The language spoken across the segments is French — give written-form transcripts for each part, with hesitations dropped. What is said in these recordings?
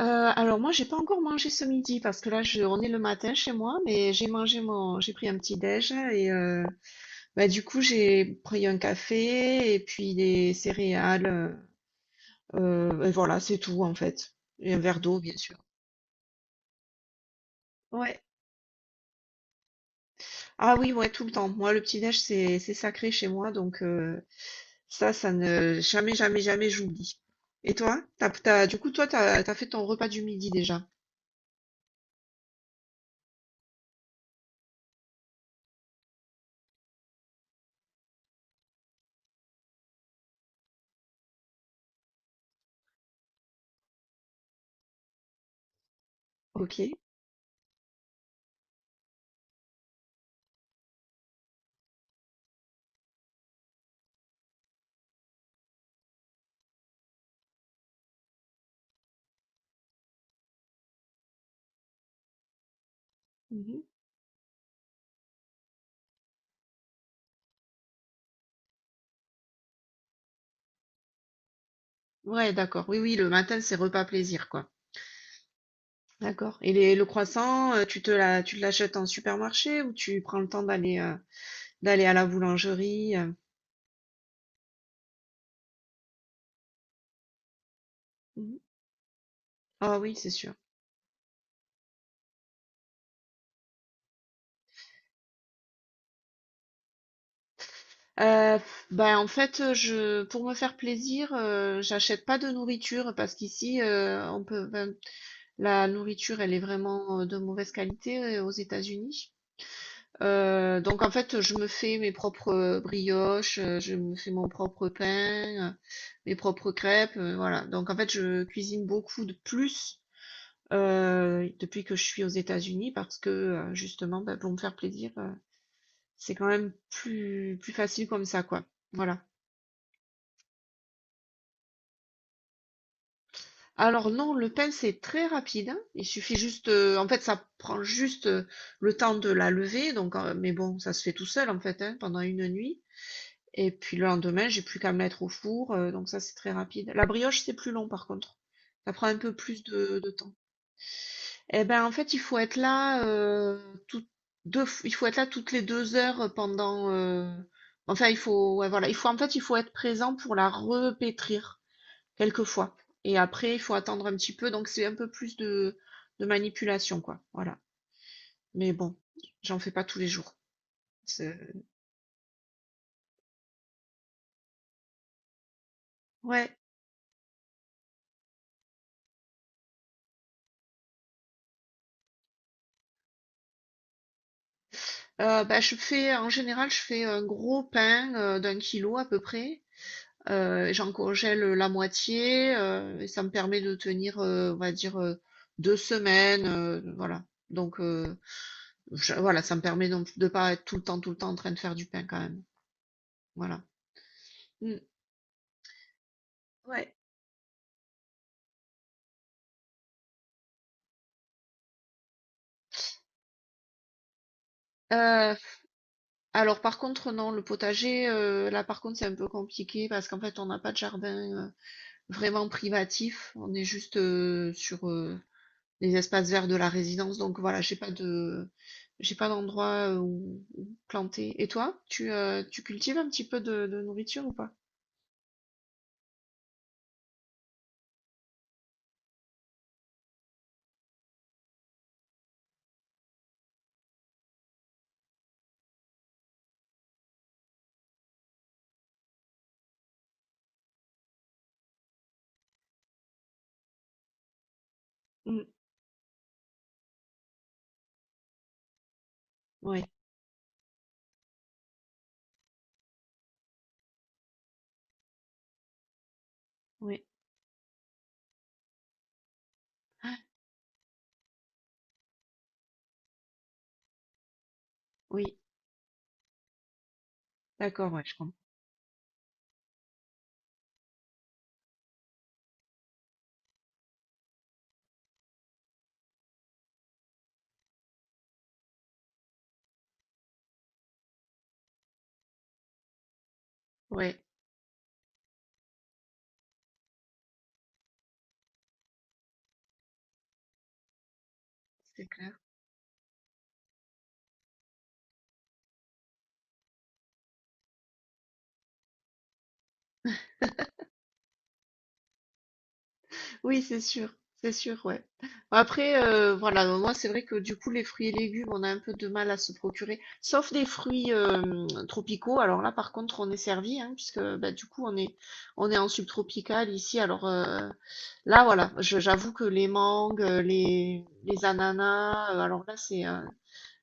Euh, alors, moi j'ai pas encore mangé ce midi parce que là, on est le matin chez moi, mais j'ai mangé mon j'ai pris un petit déj et bah, du coup j'ai pris un café et puis des céréales, et voilà, c'est tout en fait. Et un verre d'eau, bien sûr. Ouais, ah oui, ouais, tout le temps, moi le petit déj, c'est sacré chez moi, donc ça ne jamais jamais jamais j'oublie. Et toi du coup toi t'as fait ton repas du midi déjà? Ok. Mhm. Ouais, d'accord, oui, oui, le matin c'est repas plaisir, quoi. D'accord. Et le croissant, tu te l'achètes en supermarché ou tu prends le temps d'aller, d'aller à la boulangerie, Mhm. Ah oui, c'est sûr. Euh, ben en fait, je pour me faire plaisir, j'achète pas de nourriture parce qu'ici, on peut ben, la nourriture elle est vraiment, de mauvaise qualité, aux États-Unis. Donc en fait, je me fais mes propres, brioches, je me fais mon propre pain, mes propres crêpes, voilà. Donc en fait, je cuisine beaucoup de plus. Depuis que je suis aux États-Unis parce que, justement, bah, pour me faire plaisir, c'est quand même plus facile comme ça, quoi. Voilà. Alors non, le pain, c'est très rapide, hein. Il suffit juste, en fait, ça prend juste, le temps de la lever, donc, mais bon, ça se fait tout seul, en fait, hein, pendant une nuit, et puis le lendemain, j'ai plus qu'à me mettre au four, donc ça, c'est très rapide. La brioche, c'est plus long, par contre. Ça prend un peu plus de temps. Eh ben, en fait, il faut être là, toutes 2 f il faut être là toutes les 2 heures pendant, enfin, il faut, ouais, voilà, il faut, en fait, il faut être présent pour la repétrir quelquefois, et après il faut attendre un petit peu, donc c'est un peu plus de manipulation, quoi, voilà. Mais bon, j'en fais pas tous les jours. C'est Ouais, bah, je fais en général, je fais un gros pain, d'1 kilogramme à peu près. J'en congèle la moitié, et ça me permet de tenir, on va dire, 2 semaines, voilà. Donc, je voilà, ça me permet donc de pas être tout le temps en train de faire du pain quand même. Voilà. Mmh. Ouais. Heu, alors par contre non, le potager, là par contre, c'est un peu compliqué parce qu'en fait on n'a pas de jardin, vraiment privatif. On est juste, sur, les espaces verts de la résidence. Donc voilà, j'ai pas d'endroit, où planter. Et toi, tu cultives un petit peu de nourriture ou pas? Mm, oui, oui, oui, d'accord, ouais, je comprends. Ouais, c'est clair. Oui, c'est sûr, ouais. Bon. Après, voilà, donc moi c'est vrai que du coup les fruits et légumes, on a un peu de mal à se procurer, sauf des fruits, tropicaux. Alors là, par contre, on est servi, hein, puisque bah, du coup on est en subtropical ici. Alors, là, voilà, j'avoue que les mangues, les ananas, alors là, c'est,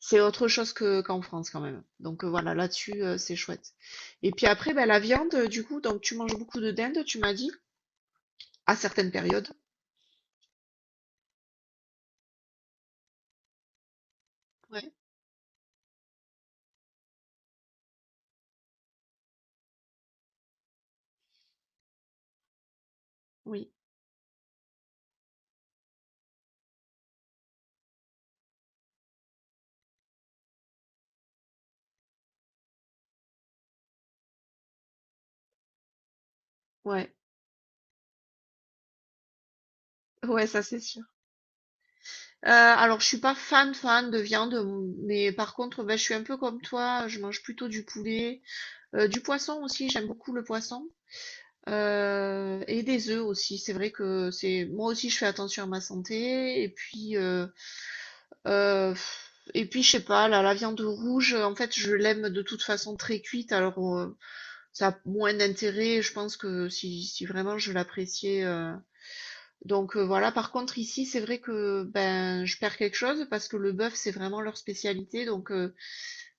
c'est autre chose que qu'en France quand même. Donc, voilà, là-dessus, c'est chouette. Et puis après, ben, la viande, du coup, donc tu manges beaucoup de dinde, tu m'as dit, à certaines périodes. Ouais, oui, ouais, ouais, ça c'est sûr. Alors, je suis pas fan fan de viande, mais par contre, ben, je suis un peu comme toi, je mange plutôt du poulet. Du poisson aussi, j'aime beaucoup le poisson. Et des œufs aussi. C'est vrai que, c'est moi aussi je fais attention à ma santé, heu et puis je sais pas, la viande rouge, en fait, je l'aime de toute façon très cuite, alors, ça a moins d'intérêt, je pense que, si vraiment je l'appréciais, donc, voilà. Par contre ici, c'est vrai que, ben, je perds quelque chose parce que le bœuf, c'est vraiment leur spécialité, donc,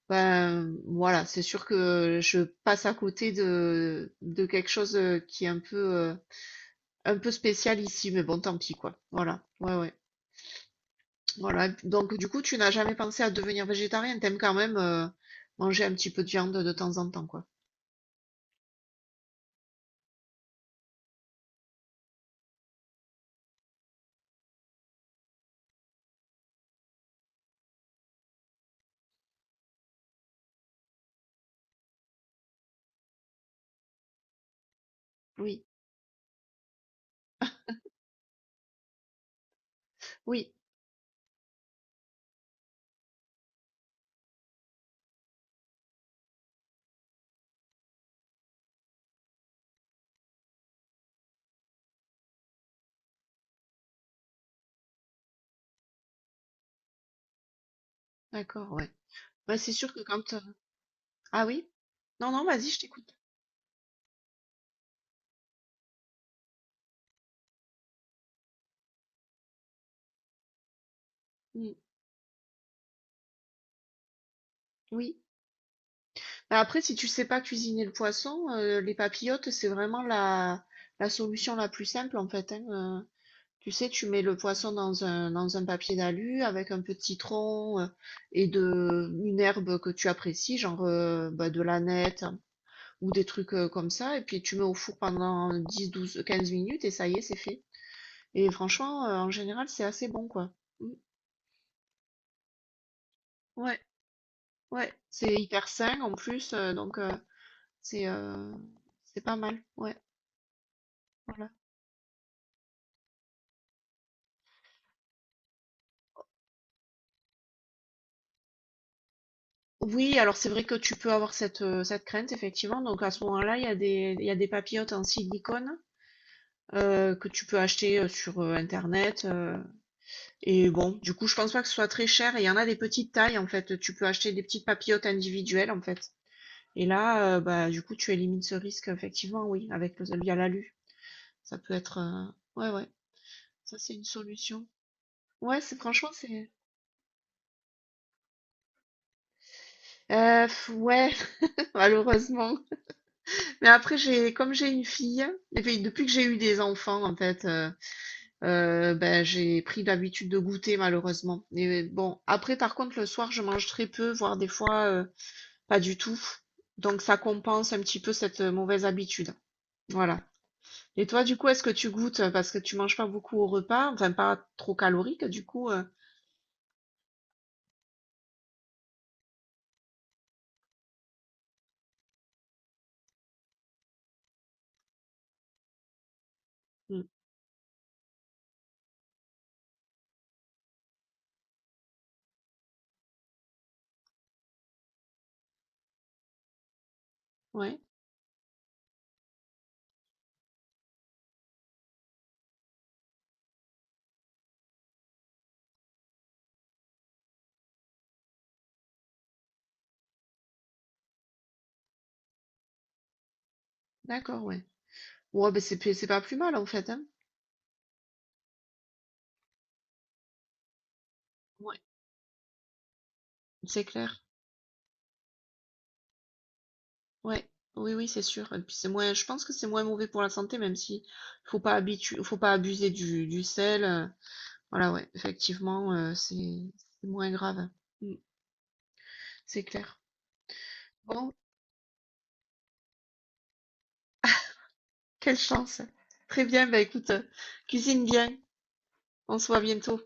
ben, voilà, c'est sûr que je passe à côté de quelque chose qui est un peu spécial ici, mais bon, tant pis, quoi. Voilà, ouais, ouais. Voilà. Donc, du coup, tu n'as jamais pensé à devenir végétarien. T'aimes quand même, manger un petit peu de viande de temps en temps, quoi. Oui, oui, d'accord, ouais. Bah, c'est sûr que quand. Ah oui? Non, non, vas-y, je t'écoute. Mm. Oui. Bah, après, si tu sais pas cuisiner le poisson, les papillotes, c'est vraiment la solution la plus simple, en fait, hein. Tu sais, tu mets le poisson dans un papier d'alu avec un peu de citron, et de une herbe que tu apprécies, genre, bah, de l'aneth, hein, ou des trucs, comme ça, et puis tu mets au four pendant 10, 12, 15 minutes et ça y est, c'est fait. Et franchement, en général, c'est assez bon, quoi. Mm. Ouais, ouais, c'est hyper sain en plus, donc, c'est, c'est pas mal. Ouais, voilà. Oui, alors c'est vrai que tu peux avoir cette, cette crainte, effectivement. Donc à ce moment-là, il y a des, il y a des papillotes en silicone, que tu peux acheter, sur, internet. Et bon, du coup, je pense pas que ce soit très cher. Et il y en a des petites tailles en fait. Tu peux acheter des petites papillotes individuelles en fait. Et là, bah du coup, tu élimines ce risque, effectivement, oui, avec le via l'alu. Ça peut être, ouais, ouais, ça c'est une solution. Ouais, c'est franchement, ouais, malheureusement. Mais après, j'ai une fille, et puis depuis que j'ai eu des enfants, en fait. Ben, j'ai pris l'habitude de goûter, malheureusement. Et, bon, après par contre le soir je mange très peu, voire des fois, pas du tout. Donc ça compense un petit peu cette, mauvaise habitude. Voilà. Et toi du coup, est-ce que tu goûtes, parce que tu manges pas beaucoup au repas, enfin pas trop calorique du coup? Hmm. Ouais, d'accord, ouais. Ouais, ben c'est pas plus mal en fait, hein. Ouais, c'est clair. Ouais. Oui, oui, c'est sûr. Et puis c'est moins, je pense que c'est moins mauvais pour la santé, même si faut pas abuser du sel. Voilà, ouais, effectivement, c'est moins grave. Mm. C'est clair. Bon, quelle chance. Très bien, bah écoute, cuisine bien. On se voit bientôt.